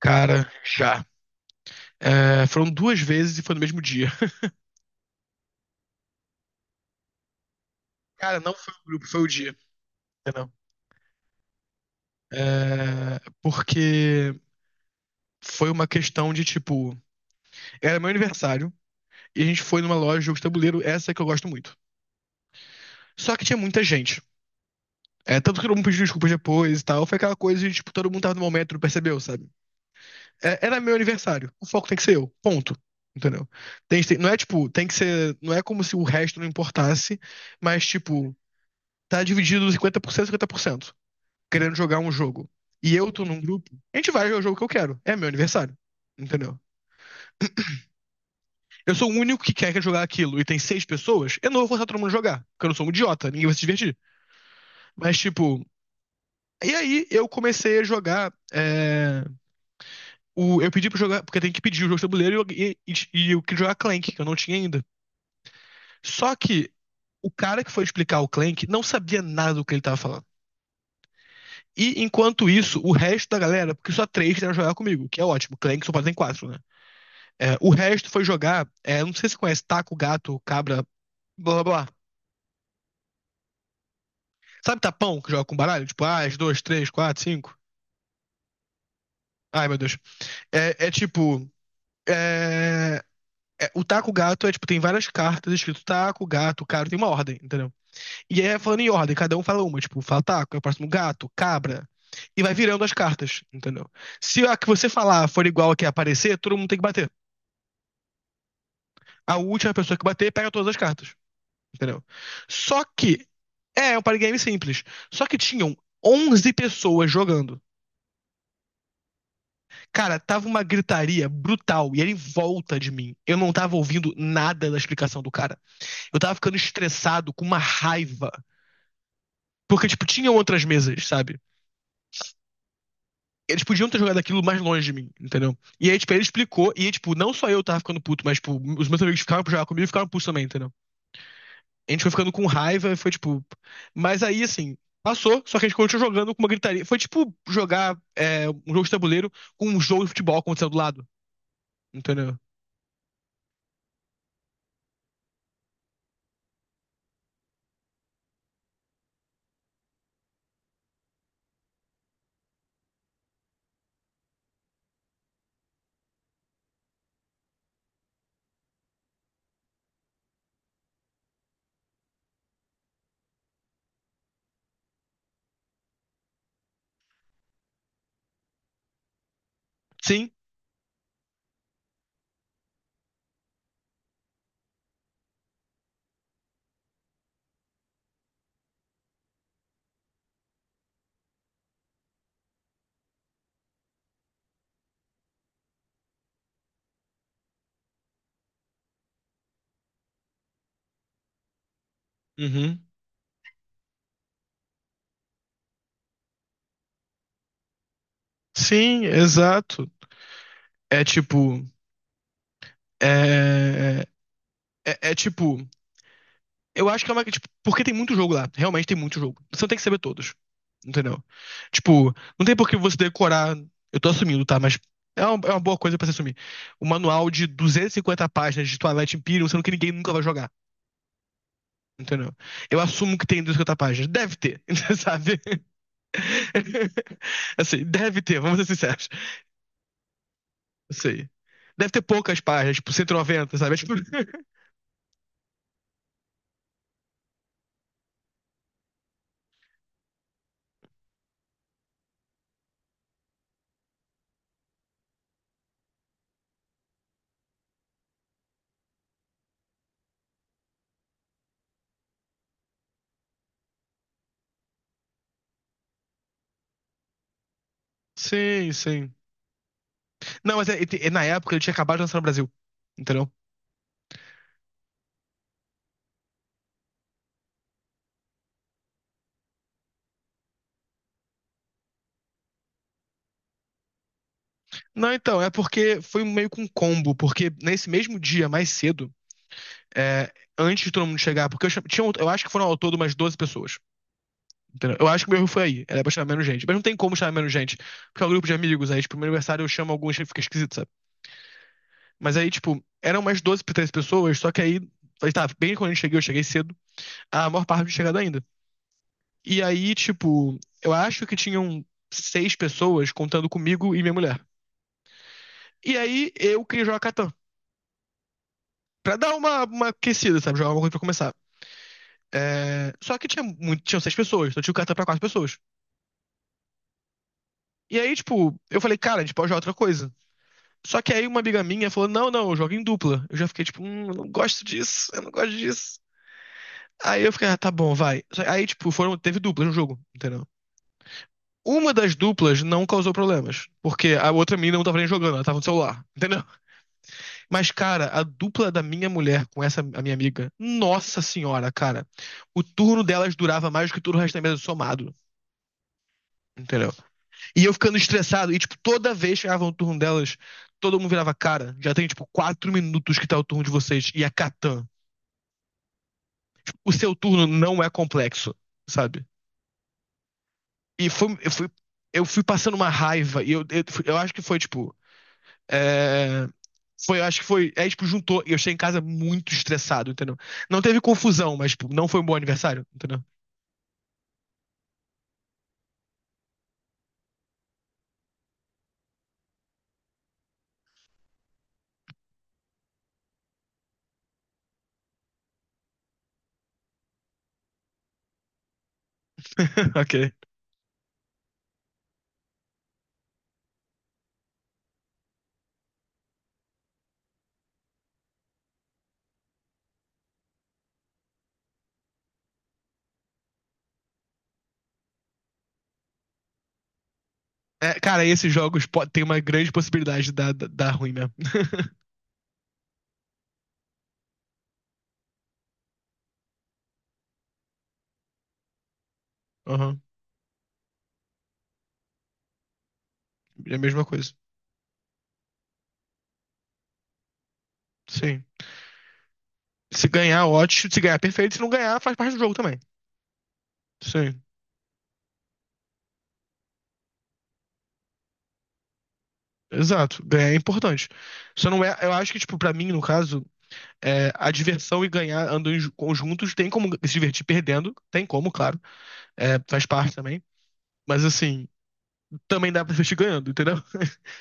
Cara, já. É, foram duas vezes e foi no mesmo dia. Cara, não foi o grupo, foi o dia. Não. É, porque foi uma questão de tipo. Era meu aniversário e a gente foi numa loja de jogos de tabuleiro, essa que eu gosto muito. Só que tinha muita gente. É, tanto que todo mundo pediu desculpas depois e tal. Foi aquela coisa de, tipo, todo mundo tava no momento, não percebeu, sabe? É, era meu aniversário. O foco tem que ser eu. Ponto. Entendeu? Não é, tipo, tem que ser. Não é como se o resto não importasse, mas, tipo, tá dividido 50%, 50%, querendo jogar um jogo e eu tô num grupo, a gente vai jogar o jogo que eu quero. É meu aniversário. Entendeu? Eu sou o único que quer jogar aquilo e tem seis pessoas. Eu não vou forçar todo mundo a jogar, porque eu não sou um idiota, ninguém vai se divertir. Mas, tipo. E aí eu comecei a jogar. Eu pedi pra jogar, porque tem que pedir o jogo de tabuleiro, e eu queria jogar Clank, que eu não tinha ainda. Só que o cara que foi explicar o Clank não sabia nada do que ele tava falando. E enquanto isso, o resto da galera, porque só três quiseram jogar comigo, que é ótimo. Clank só pode ter quatro, né? É, o resto foi jogar, não sei se você conhece taco, gato, cabra, blá blá blá. Sabe tapão que joga com baralho? Tipo, ah, as duas, três, quatro, cinco. Ai, meu Deus. É, é tipo. É, o taco gato é tipo, tem várias cartas escrito taco, gato, cara, tem uma ordem, entendeu? E aí é falando em ordem, cada um fala uma, tipo, fala taco, é o próximo gato, cabra. E vai virando as cartas, entendeu? Se a que você falar for igual a que é aparecer, todo mundo tem que bater. A última pessoa que bater pega todas as cartas. Entendeu? Só que. É um party game simples. Só que tinham 11 pessoas jogando. Cara, tava uma gritaria brutal e ele em volta de mim. Eu não tava ouvindo nada da explicação do cara. Eu tava ficando estressado com uma raiva. Porque, tipo, tinham outras mesas, sabe? Eles podiam ter jogado aquilo mais longe de mim, entendeu? E aí, tipo, ele explicou, e tipo, não só eu tava ficando puto, mas, tipo, os meus amigos ficaram pra jogar comigo e ficaram putos também, entendeu? A gente foi ficando com raiva e foi tipo. Mas aí, assim, passou, só que a gente continuou jogando com uma gritaria. Foi tipo jogar um jogo de tabuleiro com um jogo de futebol acontecendo do lado. Entendeu? Sim. Uhum. Sim, exato. É tipo. É, é, tipo. Eu acho que é uma. Tipo, porque tem muito jogo lá. Realmente tem muito jogo. Você não tem que saber todos. Entendeu? Tipo, não tem por que você decorar. Eu tô assumindo, tá? Mas é uma boa coisa pra você assumir. O manual de 250 páginas de Twilight Imperium, sendo que ninguém nunca vai jogar. Entendeu? Eu assumo que tem 250 páginas. Deve ter, sabe? Assim, deve ter, vamos ser sinceros. Eu sei. Deve ter poucas páginas, tipo 190, sabe? É tipo, sim, sim. Não, mas na época ele tinha acabado de lançar no Brasil. Entendeu? Não, então, é porque foi meio que um combo, porque nesse mesmo dia, mais cedo, é, antes de todo mundo chegar, porque eu, tinha, eu acho que foram ao todo umas 12 pessoas, entendeu? Eu acho que o meu erro foi aí, era pra chamar menos gente, mas não tem como chamar menos gente, porque é um grupo de amigos. Aí, tipo, no meu aniversário eu chamo alguns, que fica esquisito, sabe? Mas aí, tipo, eram umas 12 pra 13 pessoas. Só que aí, aí tá, bem quando eu cheguei cedo, a maior parte não tinha chegado ainda. E aí, tipo, eu acho que tinham seis pessoas contando comigo e minha mulher. E aí, eu queria jogar Catan. Pra dar uma aquecida, sabe? Jogar alguma coisa pra começar. É, só que tinha muito, tinham seis pessoas, então tinha o cartão pra quatro pessoas. E aí, tipo, eu falei, cara, a gente pode jogar outra coisa. Só que aí uma amiga minha falou, não, não, eu jogo em dupla. Eu já fiquei, tipo, eu não gosto disso, eu não gosto disso. Aí eu fiquei, ah, tá bom, vai. Aí, tipo, foram, teve duplas no jogo, entendeu? Uma das duplas não causou problemas, porque a outra mina não tava nem jogando, ela tava no celular, entendeu? Mas, cara, a dupla da minha mulher com essa a minha amiga, nossa senhora, cara. O turno delas durava mais do que todo o resto da mesa somado, entendeu? E eu ficando estressado, e, tipo, toda vez que chegava o turno delas, todo mundo virava, cara, já tem, tipo, 4 minutos que tá o turno de vocês, e a Catan. O seu turno não é complexo, sabe? E foi, eu fui, eu, fui passando uma raiva, e eu acho que foi, tipo. É, foi, eu acho que foi. É, tipo, juntou. E eu cheguei em casa muito estressado, entendeu? Não teve confusão, mas, tipo, não foi um bom aniversário, entendeu? Ok. É, cara, esses jogos tem uma grande possibilidade de dar ruim mesmo. Aham. É a mesma coisa. Sim. Se ganhar, ótimo. Se ganhar, perfeito. Se não ganhar, faz parte do jogo também. Sim. Exato. Ganhar é importante. Só não é. Eu acho que, tipo, pra mim, no caso, é, a diversão e ganhar andam em conjuntos. Tem como se divertir perdendo. Tem como, claro. É, faz parte também. Mas, assim. Também dá pra assistir ganhando, entendeu?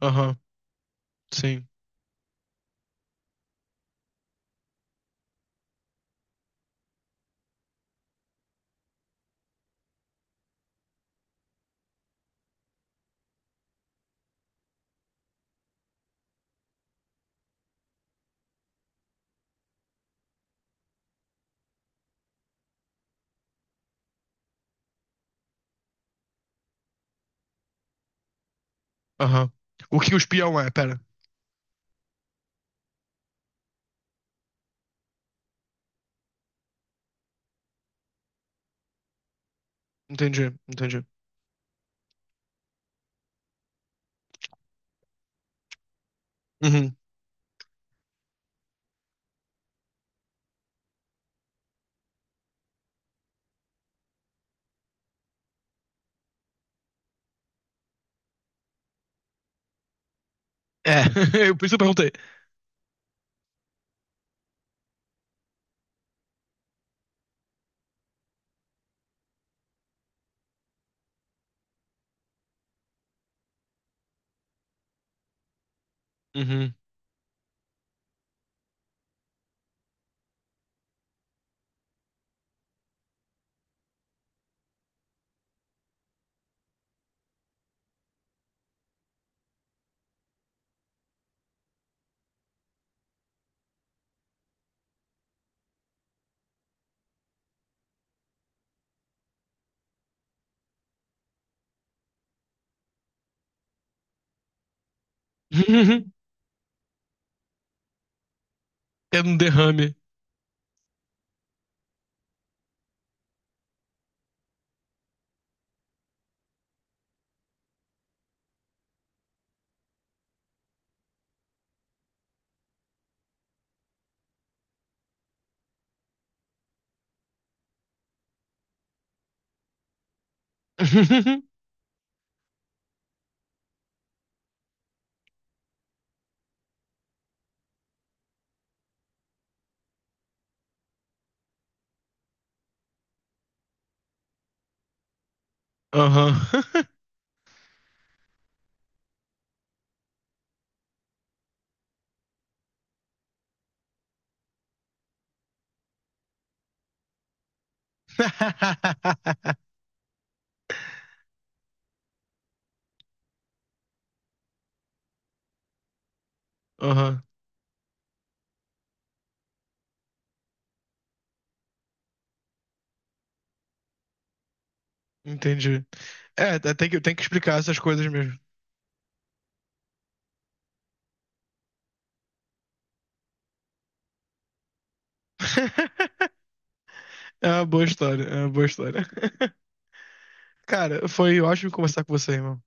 Aham, sim. Aham. O que o espião é? Pera. Entendi, entendi. Uhum. É, eu por isso eu perguntei. Uhum. É um derrame. Aham. Aham. Entendi. É, tem que explicar essas coisas mesmo. É uma boa história, é uma boa história. Cara, foi ótimo conversar com você, irmão.